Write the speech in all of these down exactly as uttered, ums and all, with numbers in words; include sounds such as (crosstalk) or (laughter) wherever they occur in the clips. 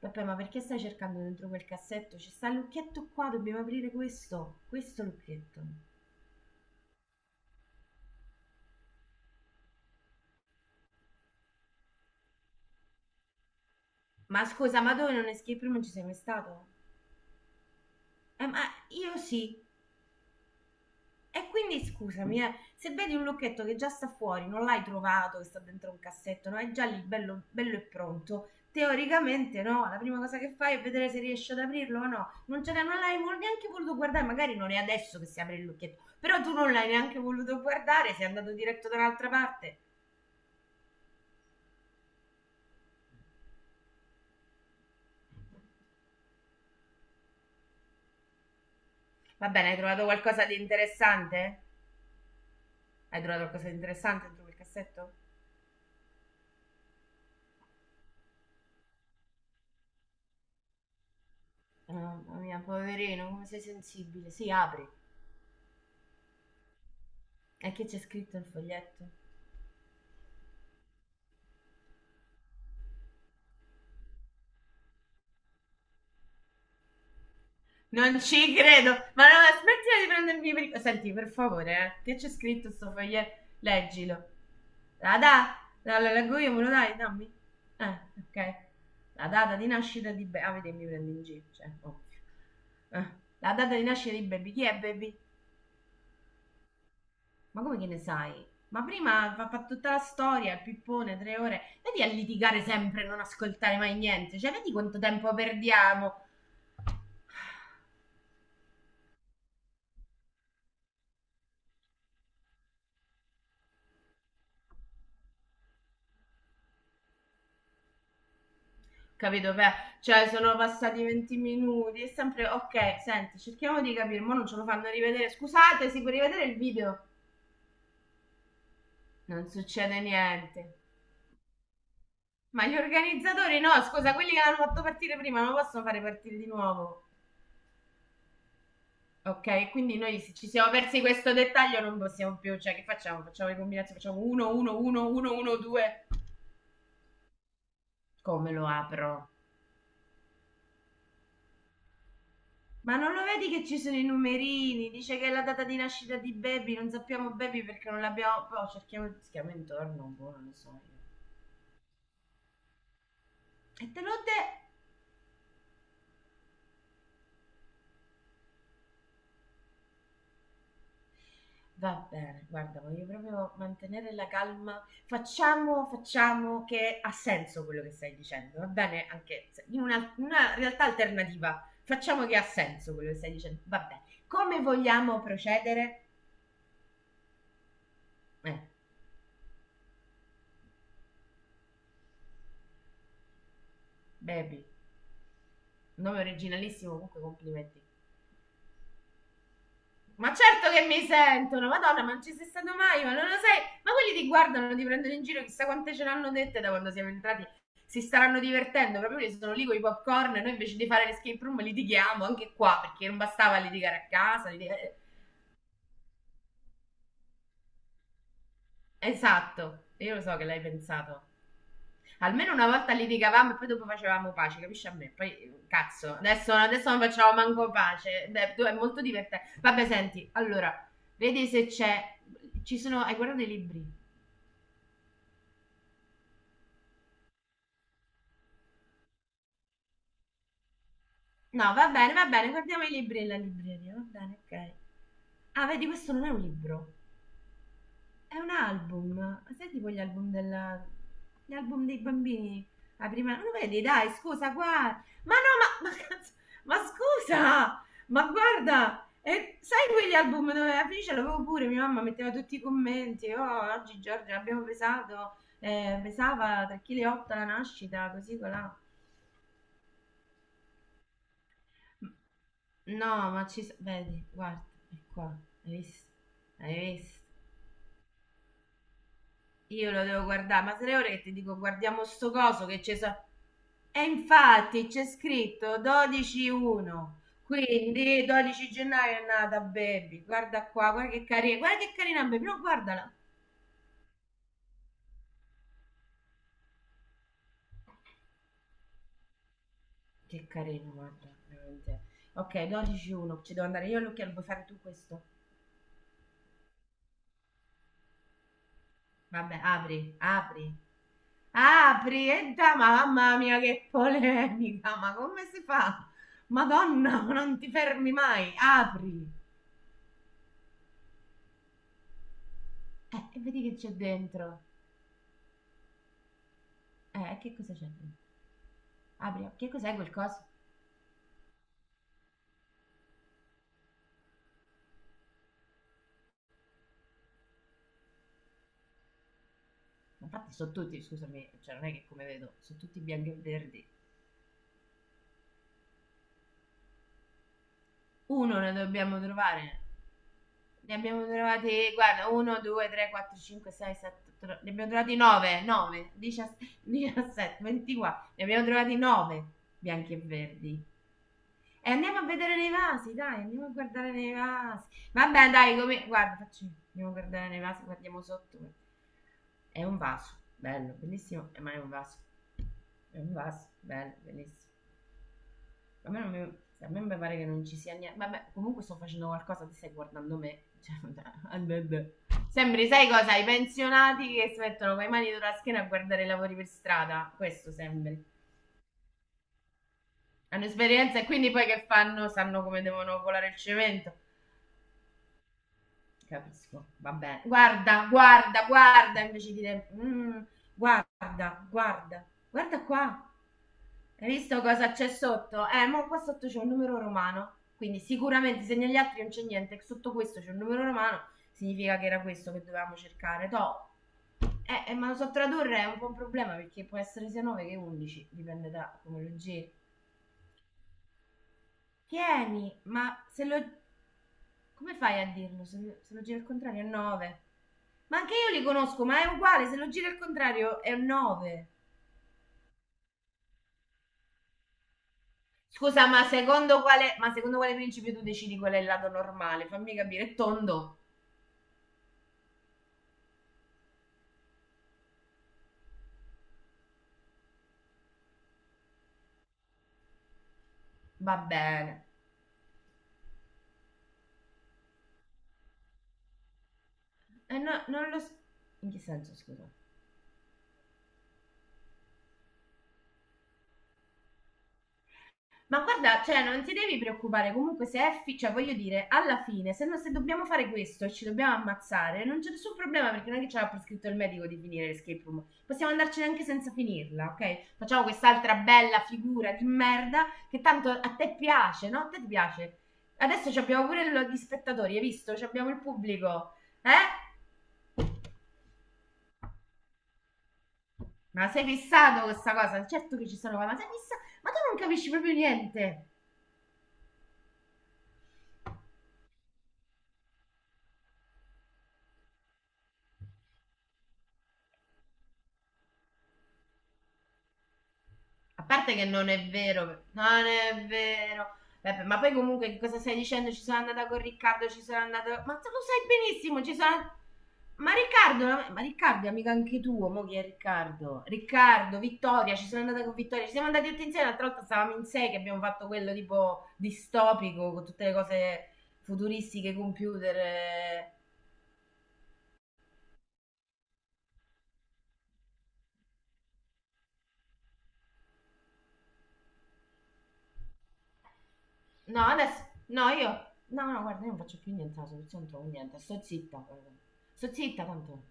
Vabbè, ma perché stai cercando dentro quel cassetto? Ci sta il lucchetto qua, dobbiamo aprire questo. Questo lucchetto. Ma scusa, ma tu in un escape room non ci sei mai stato? Eh, ma io sì. E quindi scusami, eh, se vedi un lucchetto che già sta fuori, non l'hai trovato, che sta dentro un cassetto, no? È già lì bello, bello e pronto. Teoricamente no, la prima cosa che fai è vedere se riesci ad aprirlo o no. Non, ce l'hai- non l'hai vol- neanche voluto guardare, magari non è adesso che si apre il lucchetto, però tu non l'hai neanche voluto guardare, sei andato diretto da un'altra parte. Va bene, hai trovato qualcosa di interessante? Hai trovato qualcosa di interessante dentro quel cassetto? Mamma mia, poverino, come sei sensibile. Sì, apri. E che c'è scritto il foglietto? Non ci credo! Ma no, ma smettila di prendermi per il- Senti, per favore, eh, che c'è scritto sto foglietto? Leggilo. La data. La, la leggo io, me lo dai? Dammi. Eh, ok. La data di nascita di. Be- ah, vedi, mi prendi in giro, cioè, ovvio. Eh, La data di nascita di Baby. Chi è Baby? Ma come che ne sai? Ma prima fa, fa tutta la storia, il pippone, tre ore. Vedi a litigare sempre, non ascoltare mai niente. Cioè, vedi quanto tempo perdiamo. Capito? Beh, cioè, sono passati venti minuti. È sempre ok. Senti, cerchiamo di capire. Mo non ce lo fanno rivedere. Scusate, si può rivedere il video? Non succede niente. Ma gli organizzatori no, scusa, quelli che l'hanno fatto partire prima non possono fare partire di nuovo. Ok, quindi noi se ci siamo persi questo dettaglio, non possiamo più, cioè che facciamo? Facciamo le combinazioni, facciamo uno, uno, uno, uno, uno, due. Come lo apro? Ma non lo vedi che ci sono i numerini? Dice che è la data di nascita di Baby, non sappiamo Baby perché non l'abbiamo. Poi cerchiamo, cerchiamo intorno, boh, non lo so. Io. E te l'ho detto. Va bene, guarda, voglio proprio mantenere la calma. Facciamo, facciamo che ha senso quello che stai dicendo, va bene? Anche se- in una, in una realtà alternativa, facciamo che ha senso quello che stai dicendo, va bene. Come vogliamo procedere? Eh, Baby, nome originalissimo, comunque complimenti. Ma certo che mi sentono, Madonna, ma non ci sei stato mai, ma non lo sai. Ma quelli ti guardano, ti prendono in giro, chissà quante ce l'hanno dette da quando siamo entrati. Si staranno divertendo, proprio lì sono lì con i popcorn e noi invece di fare l'escape room litighiamo anche qua, perché non bastava litigare a casa. Litigare- Esatto, io lo so che l'hai pensato. Almeno una volta litigavamo e poi dopo facevamo pace, capisci a me? Poi, cazzo, adesso, adesso non facciamo manco pace. Beh, tu- è molto divertente. Vabbè, senti, allora, vedi se c'è. Ci sono. Hai guardato i libri? No, va bene, va bene, guardiamo i libri nella libreria, va bene, ok. Ah, vedi, questo non è un libro, è un album. Sai tipo gli album della. Gli album dei bambini? La prima. Lo vedi, dai, scusa, guarda. Ma no, ma. Ma, cazzo- ma scusa! Ma guarda! E sai quegli album dove la ce l'avevo pure, mia mamma metteva tutti i commenti, oh, oggi Giorgia l'abbiamo pesato, eh, pesava tre virgola otto kg la nascita, così colà. No, ma ci... s- Vedi, guarda, è qua, hai visto? Hai visto? Io lo devo guardare, ma tre ore che ti dico guardiamo sto coso che c'è... so- E infatti c'è scritto dodici gennaio, quindi dodici gennaio è nata Baby, guarda qua, guarda che carina, guarda che carina Baby, no guardala. Che carina, guarda, veramente. Ok, dodici uno, ci devo andare io all'occhiello, puoi fare tu questo? Vabbè, apri, apri. Apri e da, mamma mia che polemica, ma come si fa? Madonna, ma non ti fermi mai, apri. Eh, e vedi che c'è dentro. Eh, che cosa c'è dentro? Apri, apri. Che cos'è quel coso? Ma infatti sono tutti, scusami, cioè non è che come vedo, sono tutti bianchi e verdi. Uno ne dobbiamo trovare. Ne abbiamo trovati, guarda, uno, due, tre, quattro, cinque, sei, sette, otto, ne abbiamo trovati nove, nove, diciassette, ventiquattro, ne abbiamo trovati nove bianchi e verdi. E andiamo a vedere nei vasi, dai, andiamo a guardare nei vasi. Vabbè, dai, come. Guarda, facci. Andiamo a guardare nei vasi, guardiamo sotto. È un vaso, bello, bellissimo, eh, ma è un vaso. È un vaso, bello, bellissimo. A me, non mi... a me mi pare che non ci sia niente. Vabbè, comunque sto facendo qualcosa, ti stai guardando me. Cioè, (laughs) vabbè. Sembri, sai cosa? I pensionati che si mettono con le mani sulla schiena a guardare i lavori per strada. Questo sembri. Hanno esperienza e quindi poi che fanno? Sanno come devono colare il cemento. Capisco, vabbè. Guarda, guarda, guarda, invece di dire "Mm, guarda, guarda, guarda qua." Hai visto cosa c'è sotto? Eh, ma qua sotto c'è un numero romano. Quindi sicuramente se negli altri non c'è niente, sotto questo c'è un numero romano, significa che era questo che dovevamo cercare. Toh. Eh, eh, ma lo so tradurre è un po' un problema perché può essere sia nove che undici, dipende da come lo giri. Tieni, ma se lo- Come fai a dirlo? Se, lo- se lo giri al contrario è nove. Ma anche io li conosco, ma è uguale, se lo giri al contrario è un nove. Scusa, ma secondo quale, ma secondo quale principio tu decidi qual è il lato normale? Fammi capire, è tondo? Va bene. Eh no, non lo... s- In che senso, scusa? Ma guarda, cioè, non ti devi preoccupare, comunque se è, fi- cioè, voglio dire, alla fine, se, no- se dobbiamo fare questo e ci dobbiamo ammazzare, non c'è nessun problema perché non è che ce l'ha prescritto il medico di finire l'escape room. Possiamo andarcene anche senza finirla, ok? Facciamo quest'altra bella figura di merda che tanto a te piace, no? A te ti piace. Adesso ci abbiamo pure lo- gli spettatori, hai visto? Ci abbiamo il pubblico, eh? Ma sei fissato con questa cosa? Certo che ci sono, ma sei fissato? Ma tu non capisci proprio niente. A parte che non è vero, non è vero. Vabbè, ma poi comunque che cosa stai dicendo? Ci sono andata con Riccardo, ci sono andata. Ma tu lo sai benissimo, ci sono. Ma Riccardo, ma Riccardo è amico anche tuo, mo chi è Riccardo? Riccardo, Vittoria, ci sono andata con Vittoria, ci siamo andati tutti insieme, l'altra volta stavamo in sei che abbiamo fatto quello tipo distopico, con tutte le cose futuristiche, computer. Eh. No, adesso. No, io. No, no, guarda, io non faccio più niente la soluzione, non trovo niente. Sto zitta. Eh. Sto zitta tanto.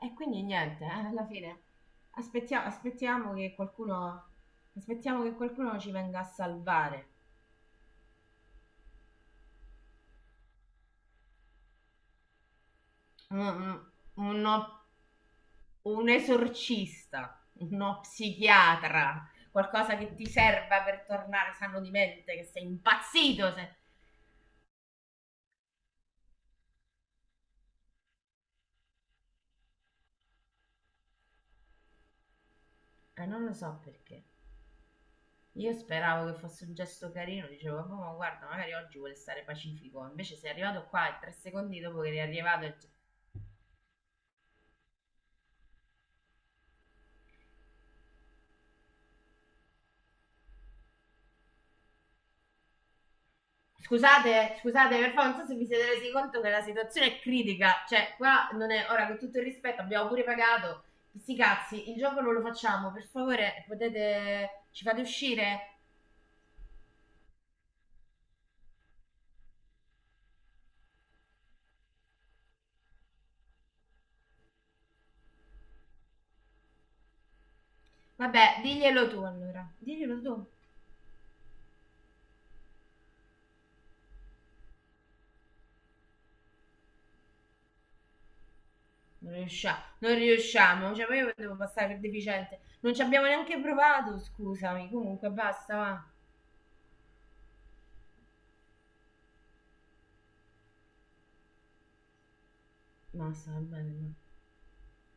E quindi niente, eh, alla fine. Aspettiamo, aspettiamo che qualcuno. Aspettiamo che qualcuno ci venga a salvare. Un, un- uno- un esorcista, uno psichiatra, qualcosa che ti serva per tornare sano di mente, che sei impazzito. Se. Eh, non lo so perché. Io speravo che fosse un gesto carino, dicevo, "Vabbè, ma guarda, magari oggi vuole stare pacifico." Invece sei arrivato qua e tre secondi dopo che eri arrivato, e- Scusate, scusate, per favore, non so se vi siete resi conto che la situazione è critica. Cioè, qua non è. Ora, con tutto il rispetto, abbiamo pure pagato. Sti cazzi, il gioco non lo facciamo. Per favore, potete. Ci fate uscire? Vabbè, diglielo tu allora. Diglielo tu. Non riusciamo, non riusciamo. Cioè, ma io devo passare per deficiente. Non ci abbiamo neanche provato, scusami. Comunque, basta, va. مع السلامة